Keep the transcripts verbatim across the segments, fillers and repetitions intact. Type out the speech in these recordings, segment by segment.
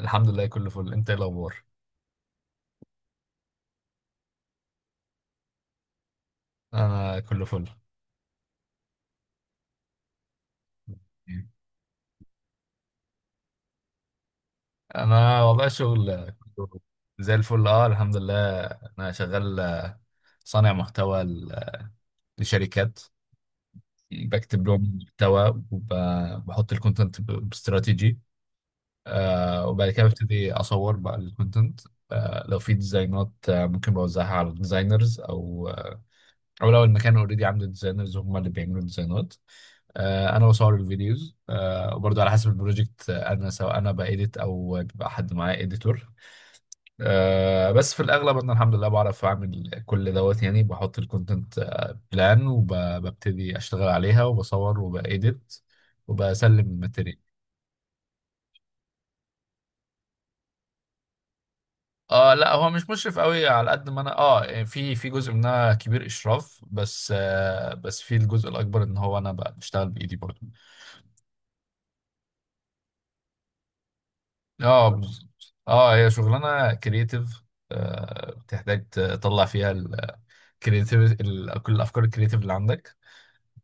الحمد لله كله فل. انت ايه الاخبار؟ انا كله فل. انا والله شغل كله زي الفل. اه الحمد لله. انا شغال، آه، صانع محتوى ل- لشركات. بكتب لهم محتوى وبحط الكونتنت ب- باستراتيجي. آه وبعد كده ببتدي اصور بقى الكونتنت. آه لو في ديزاينات، آه ممكن بوزعها على الديزاينرز او آه او لو المكان اوريدي عنده ديزاينرز هم اللي بيعملوا ديزاينات. آه، انا بصور الفيديوز، آه، وبرضه على حسب البروجكت، آه، انا سواء انا بايديت او بيبقى حد معايا اديتور. آه، بس في الاغلب انا الحمد لله بعرف اعمل كل دوت. يعني بحط الكونتنت بلان وببتدي اشتغل عليها وبصور وبايديت وبسلم الماتيريال. اه لا، هو مش مشرف قوي، على قد ما انا، اه يعني في في جزء منها كبير اشراف، بس آه بس في الجزء الاكبر ان هو انا بقى بشتغل بايدي برضه. اه بالظبط، اه هي شغلانه كرييتيف، بتحتاج تطلع فيها الكرييتيف، كل الافكار الكرييتيف اللي عندك.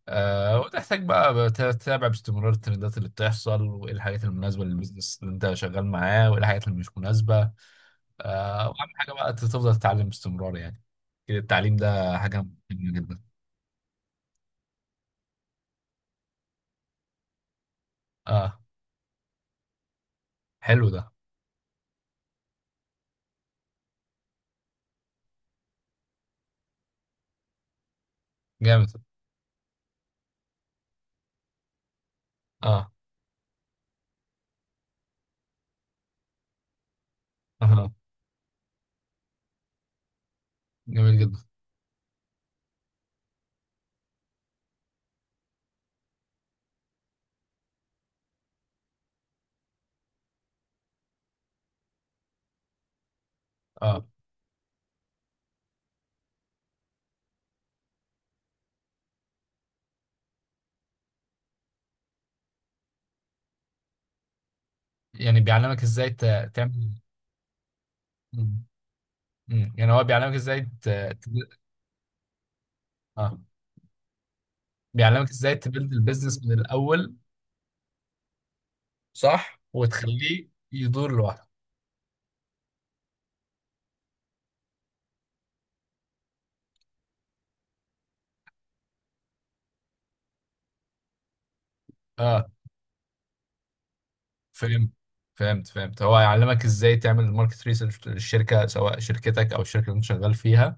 آه وتحتاج بقى بت- تتابع باستمرار الترندات اللي بتحصل، وايه الحاجات المناسبه للبيزنس اللي انت شغال معاه، وايه الحاجات اللي مش مناسبه. آه واهم حاجه بقى تفضل تتعلم باستمرار يعني. التعليم ده حاجه مهمه جدا. اه. حلو ده. جامد. اه. اه جميل جدا. اه يعني بيعلمك ازاي ت- تعمل. مم، يعني هو بيعلمك ازاي ت... ت- اه بيعلمك ازاي تبيلد البيزنس من الاول. صح، وتخليه يدور لوحده. اه. فهمت فهمت فهمت هو هيعلمك ازاي تعمل الماركت ريسيرش للشركه، سواء شركتك او الشركه اللي انت شغال فيها،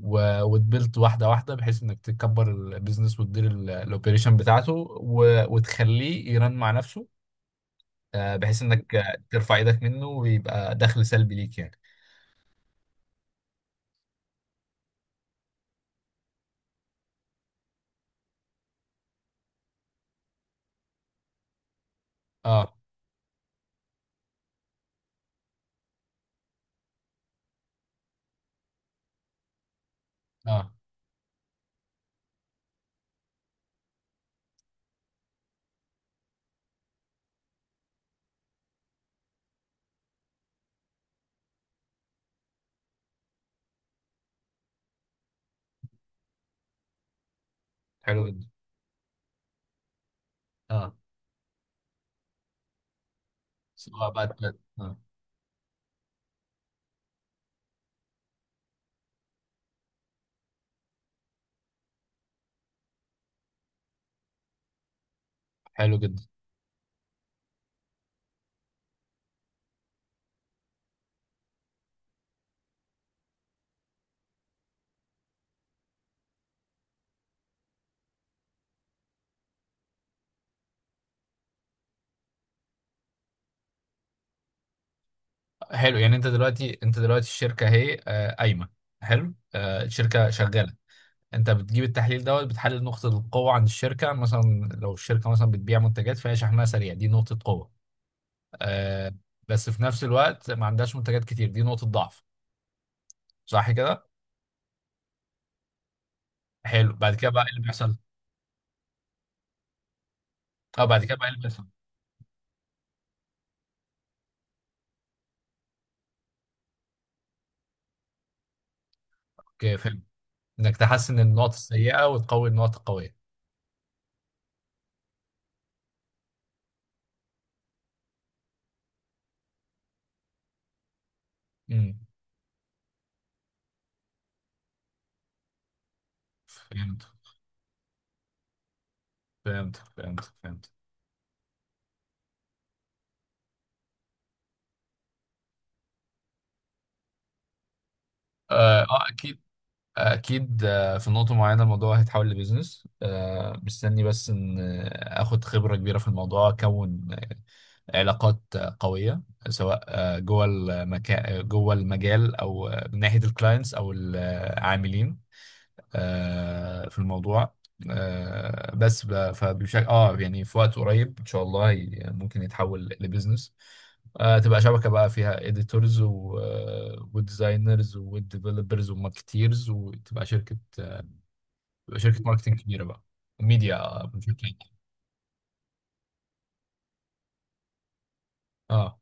و... وتبيلد واحده واحده، بحيث انك تكبر البيزنس وتدير الاوبريشن بتاعته و... وتخليه يرن مع نفسه. آه بحيث انك، آه، ترفع ايدك منه ويبقى دخل سلبي ليك يعني. اه. اه حلو جدا. اه سواء بقى آه. حلو جدا. حلو يعني، انت دلوقتي انت دلوقتي الشركه اهي، آه، قايمه. حلو، آه، الشركه شغاله. انت بتجيب التحليل دوت، بتحلل نقطه القوه عند الشركه مثلا. لو الشركه مثلا بتبيع منتجات فهي شحنها سريع، دي نقطه قوه، آه، بس في نفس الوقت ما عندهاش منتجات كتير، دي نقطه ضعف. صح كده؟ حلو، بعد كده بقى ايه اللي بيحصل؟ اه بعد كده بقى ايه اللي بيحصل؟ اوكي فهمت، انك تحسن النقط السيئه وتقوي النقط القويه. امم. فهمت فهمت فهمت فهمت اه آه، اكيد. اكيد، آه، في نقطه معينه الموضوع هيتحول لبيزنس، آه، مستني بس ان، آه، اخد خبره كبيره في الموضوع، اكون علاقات، آه، قويه، سواء، آه، جوه المكان جوه المجال، او، آه، من ناحيه الكلاينتس او العاملين، آه، في الموضوع، آه، بس ب- فبشكل اه يعني في وقت قريب ان شاء الله هي- ممكن يتحول لبيزنس، آه، تبقى شبكة بقى فيها editors و وديزاينرز وديفلوبرز وماركتيرز وتبقى شركة، بيبقى شركه ماركتنج كبيره بقى وميديا بشكل عام. اه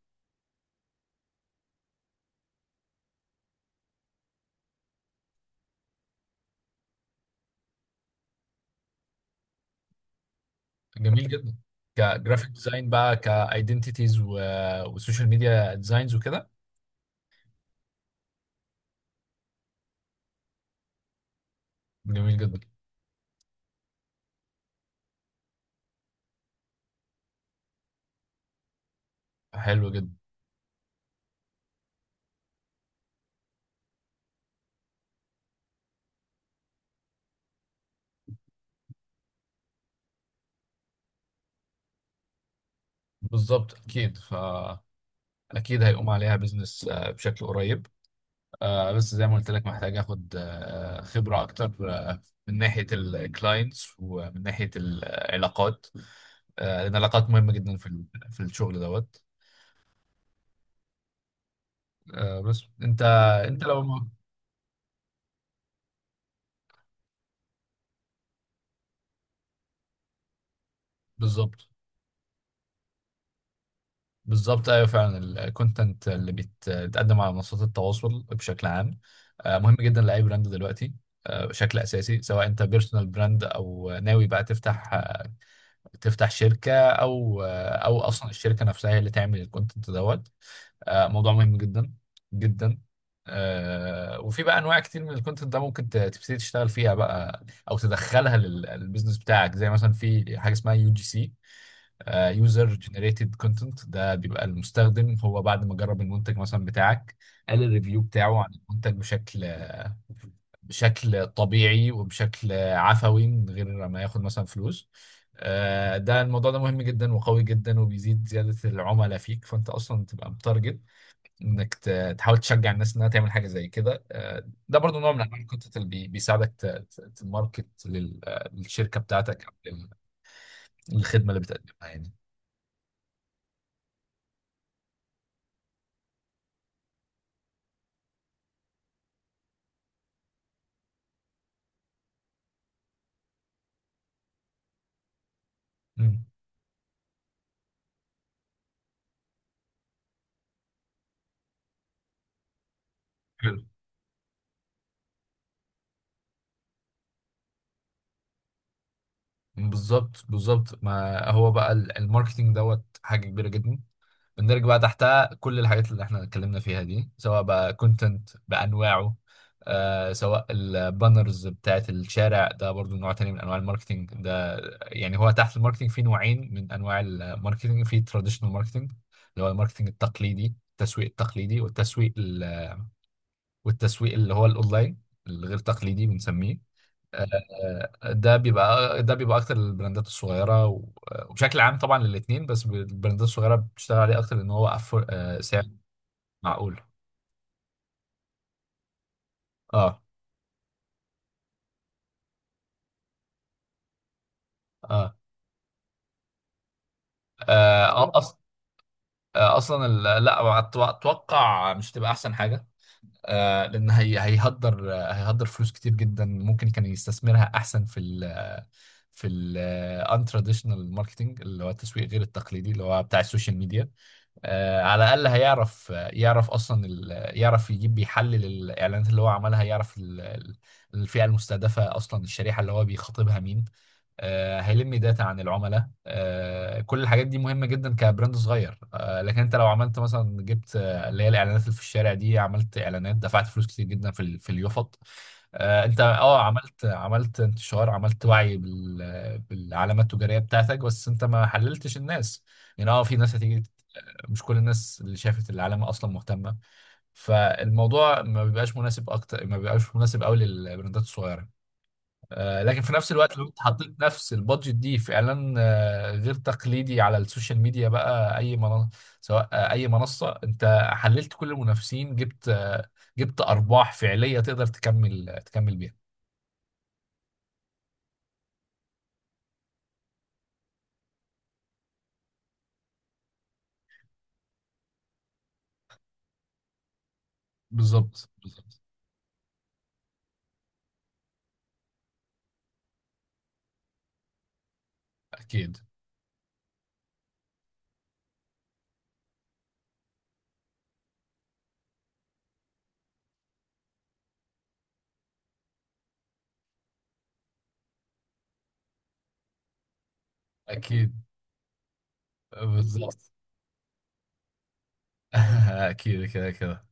جميل جدا. كجرافيك ديزاين بقى، كايدنتيتيز و... وسوشيال ميديا ديزاينز وكده. جميل جدا. حلو جدا. بالظبط، اكيد، فاكيد هيقوم عليها بزنس بشكل قريب، آه، بس زي ما قلت لك محتاج اخد، آه، خبره اكتر، آه، من ناحيه الكلاينتس ومن ناحيه العلاقات، آه، لان العلاقات مهمه جدا في ال- في الشغل دوت، آه، بس انت انت لو ما- بالظبط. بالظبط ايوه فعلا. الكونتنت اللي بيت- بيتقدم على منصات التواصل بشكل عام، آه، مهم جدا لاي براند دلوقتي، آه، بشكل اساسي، سواء انت بيرسونال براند او ناوي بقى تفتح، آه، تفتح شركه، او آه، او اصلا الشركه نفسها هي اللي تعمل الكونتنت دوت، آه، موضوع مهم جدا جدا، آه، وفي بقى انواع كتير من الكونتنت ده ممكن ت- تبتدي تشتغل فيها بقى او تدخلها لل- للبيزنس بتاعك. زي مثلا في حاجه اسمها يو جي سي، يوزر جنريتد كونتنت. ده بيبقى المستخدم هو بعد ما جرب المنتج مثلا بتاعك، قال الريفيو بتاعه عن المنتج بشكل بشكل طبيعي وبشكل عفوي من غير ما ياخد مثلا فلوس. آه، ده الموضوع ده مهم جدا وقوي جدا وبيزيد زيادة العملاء فيك، فانت اصلا تبقى متارجت انك ت- تحاول تشجع الناس انها تعمل حاجة زي كده. آه، ده برضو نوع من انواع الكونتنت اللي بي- بيساعدك ت- ت- تماركت لل- للشركة بتاعتك او لل- للخدمة اللي بتقدمها يعني. مم. بالظبط بالظبط. ما هو بقى ال- الماركتينج دوت حاجة كبيرة جدا، بندرج بقى تحتها كل الحاجات اللي احنا اتكلمنا فيها دي، سواء بقى كونتنت بأنواعه، آه سواء البانرز بتاعت الشارع، ده برضو نوع تاني من انواع الماركتينج ده. يعني هو تحت الماركتينج في نوعين من انواع الماركتينج، في تراديشنال ماركتينج اللي هو الماركتينج التقليدي، التسويق التقليدي، والتسويق ال- والتسويق اللي هو الاونلاين، الغير تقليدي بنسميه. آه، ده بيبقى ده بيبقى اكتر للبراندات الصغيره و- وبشكل عام طبعا للاثنين، بس البراندات الصغيره بتشتغل عليه اكتر لان هو أفور... آه، سعر معقول. اه. اه، آه أص... آه اصلا ال... لا، أت- اتوقع مش هتبقى احسن حاجه، آه لان هي... هيهدر آه، هيهدر فلوس كتير جدا ممكن كان يستثمرها احسن في ال... في الان تراديشنال ماركتنج، اللي هو التسويق غير التقليدي، اللي هو بتاع السوشيال ميديا، آه، على الاقل هيعرف يعرف اصلا ال- يعرف يجيب يحلل الاعلانات اللي هو عملها، يعرف ال- ال- الفئه المستهدفه، اصلا الشريحه اللي هو بيخاطبها مين، آه، هيلم داتا عن العملاء، آه، كل الحاجات دي مهمه جدا كبراند صغير. آه، لكن انت لو عملت مثلا، جبت، آه، اللي هي الاعلانات اللي في الشارع دي، عملت اعلانات، دفعت فلوس كتير جدا في ال- في اليوفط، آه، انت اه عملت عملت انتشار، عملت وعي بال... بالعلامة التجارية بتاعتك، بس انت ما حللتش الناس. يعني اه في ناس هتيجي، مش كل الناس اللي شافت العلامة اصلا مهتمة، فالموضوع ما بيبقاش مناسب، اكتر ما بيبقاش مناسب قوي للبراندات الصغيرة. آه، لكن في نفس الوقت لو انت حطيت نفس البادجت دي في اعلان، آه، غير تقليدي على السوشيال ميديا، بقى اي منصة، سواء، آه، اي منصة، انت حللت كل المنافسين، جبت، آه، جبت ارباح فعلية تقدر تكمل تكمل بيها. بالظبط بالظبط. اكيد اكيد. بالظبط. اكيد كده كده.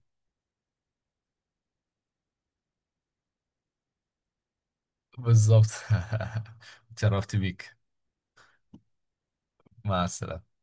بالظبط. اتشرفت بيك. مع السلامة.